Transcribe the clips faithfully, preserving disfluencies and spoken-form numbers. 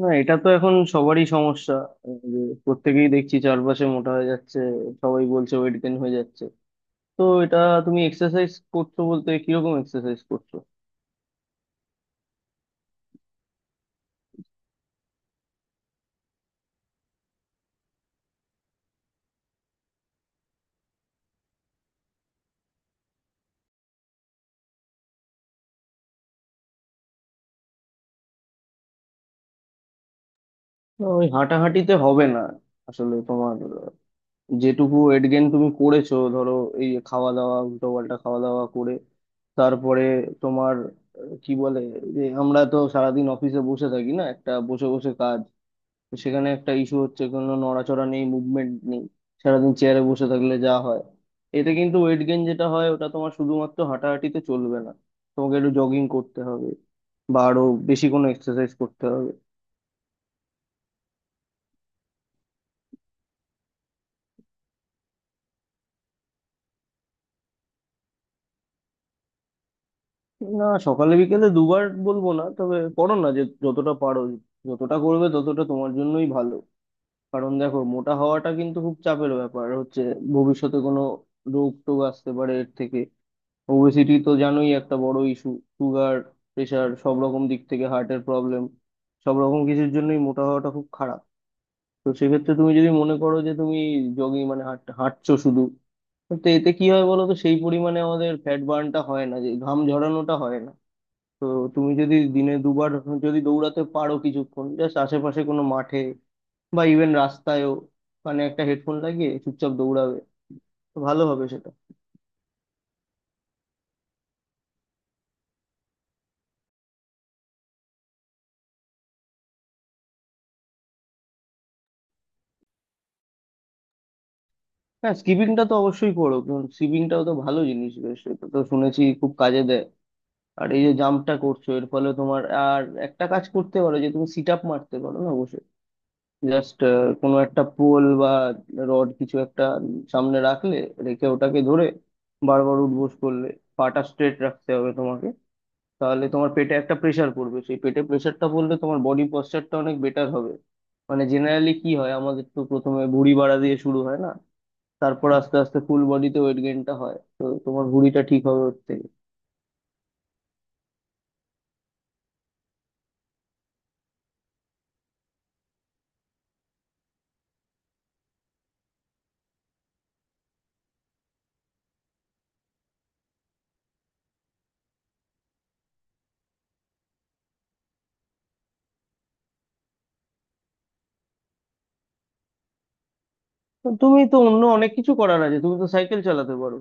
না এটা তো এখন সবারই সমস্যা যে প্রত্যেকেই দেখছি চারপাশে মোটা হয়ে যাচ্ছে। সবাই বলছে ওয়েট গেইন হয়ে যাচ্ছে। তো এটা তুমি এক্সারসাইজ করছো বলতে কিরকম এক্সারসাইজ করছো? না, ওই হাঁটাহাঁটিতে হবে না। আসলে তোমার আহ, যেটুকু ওয়েট গেইন তুমি করেছো ধরো এই খাওয়া দাওয়া উল্টো পাল্টা খাওয়া দাওয়া করে তারপরে তোমার, আহ, কি বলে, যে আমরা তো সারাদিন অফিসে বসে থাকি, না একটা বসে বসে কাজ। তো সেখানে একটা ইস্যু হচ্ছে কোনো নড়াচড়া নেই, মুভমেন্ট নেই। সারাদিন চেয়ারে বসে থাকলে যা হয়, এতে কিন্তু ওয়েট গেইন যেটা হয় ওটা তোমার শুধুমাত্র হাঁটাহাঁটিতে চলবে না। তোমাকে একটু জগিং করতে হবে বা আরো বেশি কোনো এক্সারসাইজ করতে হবে। না সকালে বিকেলে দুবার বলবো না, তবে করো না যে যতটা পারো। যতটা করবে ততটা তোমার জন্যই ভালো। কারণ দেখো মোটা হওয়াটা কিন্তু খুব চাপের ব্যাপার হচ্ছে। ভবিষ্যতে কোনো রোগ টোগ আসতে পারে এর থেকে। ওবেসিটি তো জানোই একটা বড় ইস্যু। সুগার, প্রেশার, সব রকম দিক থেকে হার্টের প্রবলেম, সব রকম কিছুর জন্যই মোটা হওয়াটা খুব খারাপ। তো সেক্ষেত্রে তুমি যদি মনে করো যে তুমি জগিং মানে হাঁট- হাঁটছো শুধু, তো এতে কি হয় বলো তো, সেই পরিমাণে আমাদের ফ্যাট বার্নটা হয় না, যে ঘাম ঝরানোটা হয় না। তো তুমি যদি দিনে দুবার, যদি দৌড়াতে পারো কিছুক্ষণ জাস্ট আশেপাশে কোনো মাঠে বা ইভেন রাস্তায়ও, মানে একটা হেডফোন লাগিয়ে চুপচাপ দৌড়াবে, তো ভালো হবে সেটা। হ্যাঁ স্কিপিংটা তো অবশ্যই করো, কারণ স্কিপিংটাও তো ভালো জিনিস বেশ, এটা তো শুনেছি খুব কাজে দেয়। আর এই যে জাম্পটা করছো এর ফলে তোমার আর একটা কাজ করতে পারো, যে তুমি সিট আপ মারতে পারো না বসে, জাস্ট কোনো একটা পোল বা রড কিছু একটা সামনে রাখলে, রেখে ওটাকে ধরে বারবার উঠবোস করলে, পাটা স্ট্রেট রাখতে হবে তোমাকে। তাহলে তোমার পেটে একটা প্রেশার পড়বে, সেই পেটে প্রেশারটা পড়লে তোমার বডি পশ্চারটা অনেক বেটার হবে। মানে জেনারেলি কি হয়, আমাদের তো প্রথমে ভুঁড়ি বাড়া দিয়ে শুরু হয় না। তারপর আস্তে আস্তে ফুল বডিতে ওয়েট গেইনটা হয়, তো তোমার ভুঁড়িটা ঠিক হবে ওর থেকে। তো তুমি তো অন্য অনেক কিছু করার আছে, তুমি তো সাইকেল চালাতে পারো।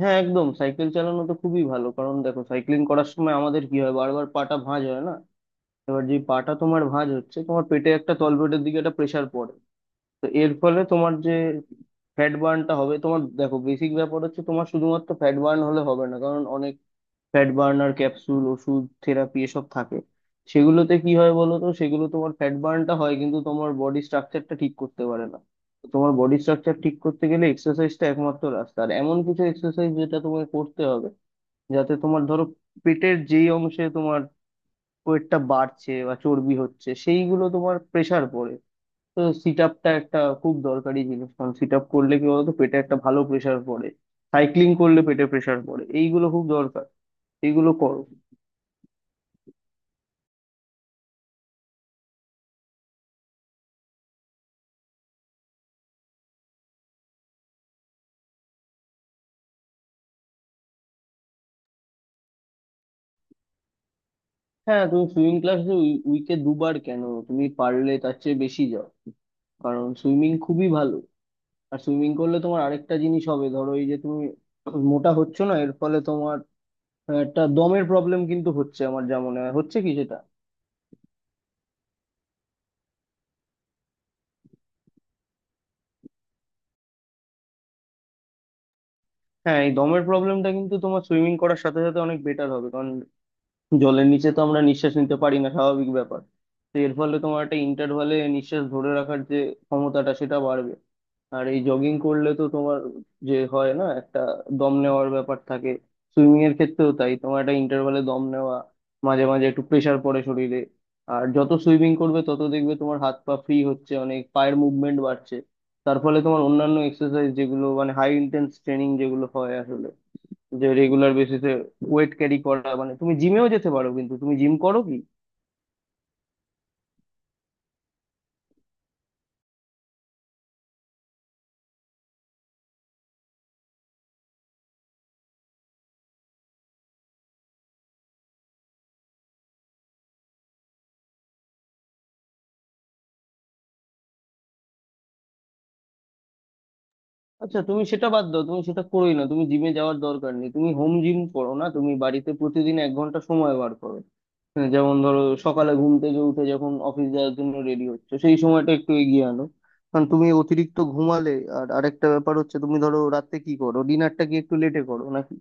হ্যাঁ একদম সাইকেল চালানো তো খুবই ভালো, কারণ দেখো সাইক্লিং করার সময় আমাদের কি হয়, বারবার পাটা ভাঁজ হয় না। এবার যে পাটা তোমার ভাঁজ হচ্ছে তোমার পেটে একটা, তলপেটের দিকে একটা প্রেসার পড়ে। তো এর ফলে তোমার যে ফ্যাট বার্নটা হবে, তোমার দেখো বেসিক ব্যাপার হচ্ছে তোমার শুধুমাত্র ফ্যাট বার্ন হলে হবে না, কারণ অনেক ফ্যাট বার্নার ক্যাপসুল ওষুধ থেরাপি এসব থাকে। সেগুলোতে কি হয় বলো তো, সেগুলো তোমার ফ্যাট বার্নটা হয় কিন্তু তোমার বডি স্ট্রাকচারটা ঠিক করতে পারে না। তো তোমার বডি স্ট্রাকচার ঠিক করতে গেলে এক্সারসাইজটা একমাত্র রাস্তা, আর এমন কিছু এক্সারসাইজ যেটা তোমাকে করতে হবে যাতে তোমার ধরো পেটের যেই অংশে তোমার ওয়েটটা বাড়ছে বা চর্বি হচ্ছে সেইগুলো তোমার প্রেসার পড়ে। তো সিট আপটা একটা খুব দরকারি জিনিস, কারণ সিট আপ করলে কি বলতো পেটে একটা ভালো প্রেসার পড়ে। সাইক্লিং করলে পেটে প্রেসার পড়ে, এইগুলো খুব দরকার, এইগুলো করো। হ্যাঁ তুমি সুইমিং ক্লাসে উইকে দুবার কেন, তুমি পারলে তার চেয়ে বেশি যাও। কারণ সুইমিং খুবই ভালো। আর সুইমিং করলে তোমার আরেকটা জিনিস হবে, ধরো এই যে তুমি মোটা হচ্ছ না এর ফলে তোমার আহ, একটা দমের প্রবলেম কিন্তু হচ্ছে, আমার যা মনে হয় হচ্ছে কি সেটা। হ্যাঁ এই দমের প্রবলেমটা কিন্তু তোমার সুইমিং করার সাথে সাথে অনেক বেটার হবে, কারণ জলের নিচে তো আমরা নিঃশ্বাস নিতে পারি না, স্বাভাবিক ব্যাপার। তো এর ফলে তোমার একটা ইন্টারভালে নিঃশ্বাস ধরে রাখার যে ক্ষমতাটা সেটা বাড়বে। আর এই জগিং করলে তো তোমার, যে হয় না একটা দম নেওয়ার ব্যাপার থাকে। সুইমিং এর ক্ষেত্রেও তাই, তোমার একটা ইন্টারভালে দম নেওয়া, মাঝে মাঝে একটু প্রেসার পড়ে শরীরে। আর যত সুইমিং করবে তত দেখবে তোমার হাত পা ফ্রি হচ্ছে অনেক, পায়ের মুভমেন্ট বাড়ছে। তার ফলে তোমার অন্যান্য এক্সারসাইজ যেগুলো মানে হাই ইন্টেন্স ট্রেনিং যেগুলো হয় আসলে, যে রেগুলার বেসিসে ওয়েট ক্যারি করা, মানে তুমি জিমেও যেতে পারো, কিন্তু তুমি জিম করো কি? আচ্ছা তুমি সেটা বাদ দাও, তুমি সেটা করোই না, তুমি জিমে যাওয়ার দরকার নেই, তুমি হোম জিম করো না, তুমি বাড়িতে প্রতিদিন এক ঘন্টা সময় বার করো। হ্যাঁ, যেমন ধরো সকালে ঘুম থেকে উঠে যখন অফিস যাওয়ার জন্য রেডি হচ্ছে সেই সময়টা একটু এগিয়ে আনো, কারণ তুমি অতিরিক্ত ঘুমালে। আর আরেকটা ব্যাপার হচ্ছে তুমি ধরো রাতে কি করো, ডিনারটা কি একটু লেটে করো নাকি?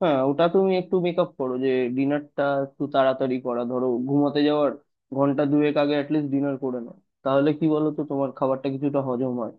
হ্যাঁ ওটা তুমি একটু মেকআপ করো, যে ডিনারটা একটু তাড়াতাড়ি করা, ধরো ঘুমাতে যাওয়ার ঘন্টা দুয়েক আগে অ্যাটলিস্ট ডিনার করে নাও। তাহলে কি বলো তো তোমার খাবারটা কিছুটা হজম হয়,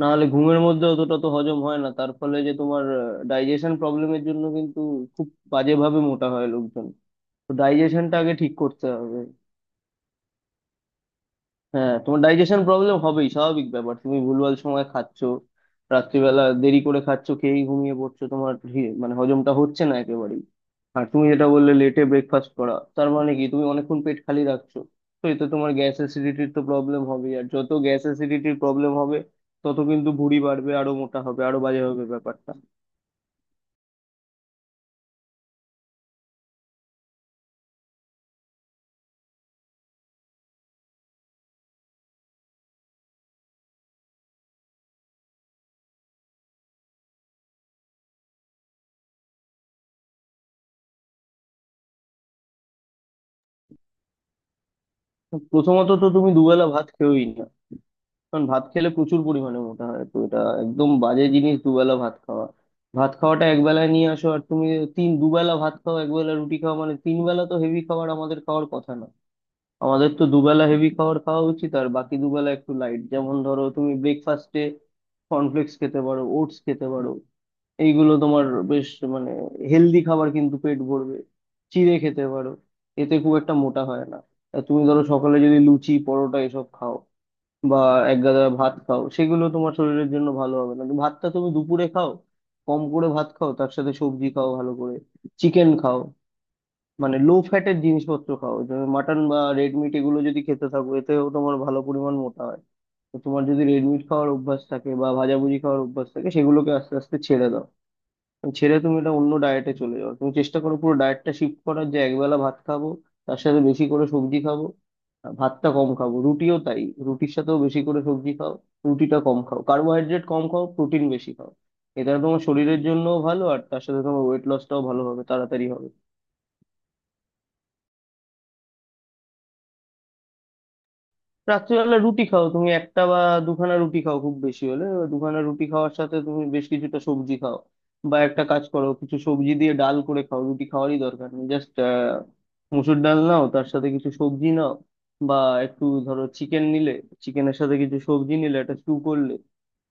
না হলে ঘুমের মধ্যে অতটা তো হজম হয় না, তার ফলে যে তোমার ডাইজেশন প্রবলেমের জন্য কিন্তু খুব বাজেভাবে মোটা হয় লোকজন। তো ডাইজেশনটা আগে ঠিক করতে হবে। হ্যাঁ তোমার ডাইজেশন প্রবলেম হবেই, স্বাভাবিক ব্যাপার, তুমি ভুলভাল সময় খাচ্ছ, রাত্রিবেলা দেরি করে খাচ্ছ, খেয়েই ঘুমিয়ে পড়ছো, তোমার হি- মানে হজমটা হচ্ছে না একেবারেই। আর তুমি যেটা বললে লেটে ব্রেকফাস্ট করা, তার মানে কি তুমি অনেকক্ষণ পেট খালি রাখছো? তো এতে তোমার গ্যাস অ্যাসিডিটির তো প্রবলেম হবে, আর যত গ্যাস অ্যাসিডিটির প্রবলেম হবে তত কিন্তু ভুঁড়ি বাড়বে, আরো মোটা হবে, আরো বাজে হবে ব্যাপারটা। প্রথমত তো তুমি দুবেলা ভাত খেয়েই না, কারণ ভাত খেলে প্রচুর পরিমাণে মোটা হয়, তো এটা একদম বাজে জিনিস দুবেলা ভাত খাওয়া। ভাত খাওয়াটা একবেলায় নিয়ে আসো, আর তুমি তিন দুবেলা ভাত খাও একবেলা রুটি খাও, মানে তিন বেলা তো হেভি খাবার আমাদের খাওয়ার কথা না। আমাদের তো দুবেলা হেভি খাবার খাওয়া উচিত, আর বাকি দুবেলা একটু লাইট, যেমন ধরো তুমি ব্রেকফাস্টে কর্নফ্লেক্স খেতে পারো, ওটস খেতে পারো। এইগুলো তোমার বেশ, মানে হেলদি খাবার, কিন্তু পেট ভরবে। চিড়ে খেতে পারো, এতে খুব একটা মোটা হয় না। আর তুমি ধরো সকালে যদি লুচি পরোটা এসব খাও বা এক গাদা ভাত খাও সেগুলো তোমার শরীরের জন্য ভালো হবে না, কিন্তু ভাতটা তুমি দুপুরে খাও। কম করে ভাত খাও তার সাথে সবজি খাও ভালো করে, চিকেন খাও। মানে লো ফ্যাটের জিনিসপত্র খাও, যেমন মাটন বা রেড মিট এগুলো যদি খেতে থাকো এতেও তোমার ভালো পরিমাণ মোটা হয়। তো তোমার যদি রেড মিট খাওয়ার অভ্যাস থাকে বা ভাজাভুজি খাওয়ার অভ্যাস থাকে সেগুলোকে আস্তে আস্তে ছেড়ে দাও। ছেড়ে তুমি এটা অন্য ডায়েটে চলে যাও, তুমি চেষ্টা করো পুরো ডায়েটটা শিফট করার, যে একবেলা ভাত খাবো তার সাথে বেশি করে সবজি খাবো। আর ভাতটা কম খাবো, রুটিও তাই, রুটির সাথেও বেশি করে সবজি খাও। রুটিটা কম খাও, কার্বোহাইড্রেট কম খাও, প্রোটিন বেশি খাও। এটা তোমার শরীরের জন্যও ভালো, আর তার সাথে তোমার ওয়েট লসটাও ভালো হবে, তাড়াতাড়ি হবে। রাত্রিবেলা রুটি খাও, তুমি একটা বা দুখানা রুটি খাও খুব বেশি হলে। এবার দুখানা রুটি খাওয়ার সাথে তুমি বেশ কিছুটা সবজি খাও, বা একটা কাজ করো কিছু সবজি দিয়ে ডাল করে খাও, রুটি খাওয়ারই দরকার নেই, জাস্ট মুসুর ডাল নাও তার সাথে কিছু সবজি নাও। বা একটু ধরো চিকেন নিলে, চিকেনের সাথে কিছু সবজি নিলে একটা স্টু করলে,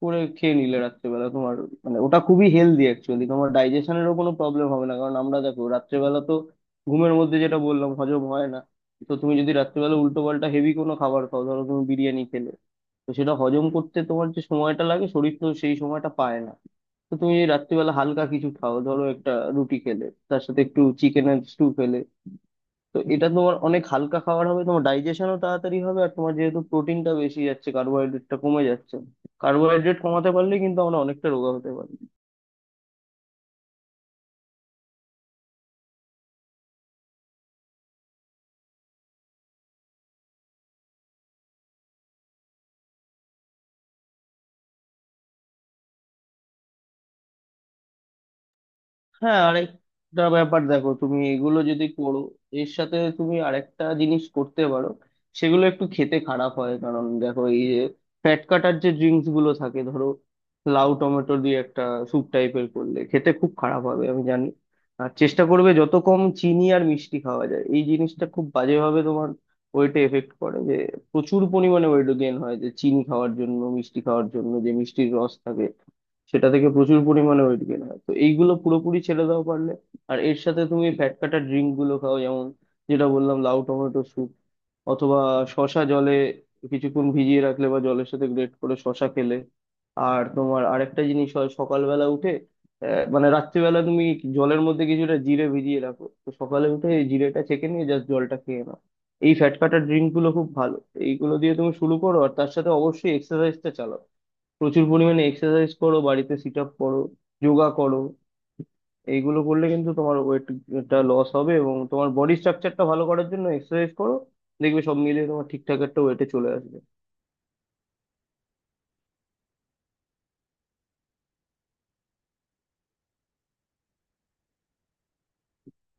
করে খেয়ে নিলে রাত্রেবেলা তোমার, মানে ওটা খুবই হেলদি অ্যাকচুয়ালি। তোমার ডাইজেশনেরও কোনো প্রবলেম হবে না, কারণ আমরা দেখো রাত্রেবেলা তো ঘুমের মধ্যে যেটা বললাম হজম হয় না। তো তুমি যদি রাত্রেবেলা উল্টো পাল্টা হেভি কোনো খাবার খাও, ধরো তুমি বিরিয়ানি খেলে, তো সেটা হজম করতে তোমার যে সময়টা লাগে শরীর তো সেই সময়টা পায় না। তো তুমি যদি রাত্রিবেলা হালকা কিছু খাও, ধরো একটা রুটি খেলে, তার সাথে একটু চিকেন এর স্টু খেলে, তো এটা তোমার অনেক হালকা খাবার হবে, তোমার ডাইজেশনও তাড়াতাড়ি হবে। আর তোমার যেহেতু প্রোটিনটা বেশি যাচ্ছে কার্বোহাইড্রেটটা কমে যাচ্ছে, কার্বোহাইড্রেট কমাতে পারলে কিন্তু আমরা অনেকটা রোগা হতে পারি। হ্যাঁ আরেকটা ব্যাপার দেখো, তুমি এগুলো যদি করো, এর সাথে তুমি আরেকটা জিনিস করতে পারো। সেগুলো একটু খেতে খারাপ হয়, কারণ দেখো এই যে ফ্যাট কাটার যে ড্রিঙ্কস গুলো থাকে ধরো লাউ টমেটো দিয়ে একটা স্যুপ টাইপের করলে খেতে খুব খারাপ হবে আমি জানি। আর চেষ্টা করবে যত কম চিনি আর মিষ্টি খাওয়া যায়, এই জিনিসটা খুব বাজেভাবে তোমার ওয়েটে এফেক্ট করে, যে প্রচুর পরিমাণে ওয়েট গেইন হয়, যে চিনি খাওয়ার জন্য মিষ্টি খাওয়ার জন্য যে মিষ্টির রস থাকে সেটা থেকে প্রচুর পরিমাণে ওয়েট গেইন হয়, তো এইগুলো পুরোপুরি ছেড়ে দাও পারলে। আর এর সাথে তুমি ফ্যাট কাটা ড্রিঙ্ক গুলো খাও, যেমন যেটা বললাম লাউ টমেটো স্যুপ, অথবা শশা জলে কিছুক্ষণ ভিজিয়ে রাখলে বা জলের সাথে গ্রেট করে শশা খেলে। আর তোমার আরেকটা জিনিস হয় সকালবেলা উঠে, আহ, মানে রাত্রিবেলা তুমি জলের মধ্যে কিছুটা জিরে ভিজিয়ে রাখো, তো সকালে উঠে এই জিরেটা ছেঁকে নিয়ে জাস্ট জলটা খেয়ে নাও। এই ফ্যাট কাটার ড্রিঙ্ক গুলো খুব ভালো। এইগুলো দিয়ে তুমি শুরু করো, আর তার সাথে অবশ্যই এক্সারসাইজটা চালাও। প্রচুর পরিমাণে এক্সারসাইজ করো, বাড়িতে সিট আপ করো, যোগা করো। এইগুলো করলে কিন্তু তোমার ওয়েটটা লস হবে, এবং তোমার বডি স্ট্রাকচারটা ভালো করার জন্য এক্সারসাইজ করো। দেখবে সব মিলিয়ে তোমার ঠিকঠাক একটা ওয়েটে চলে আসবে।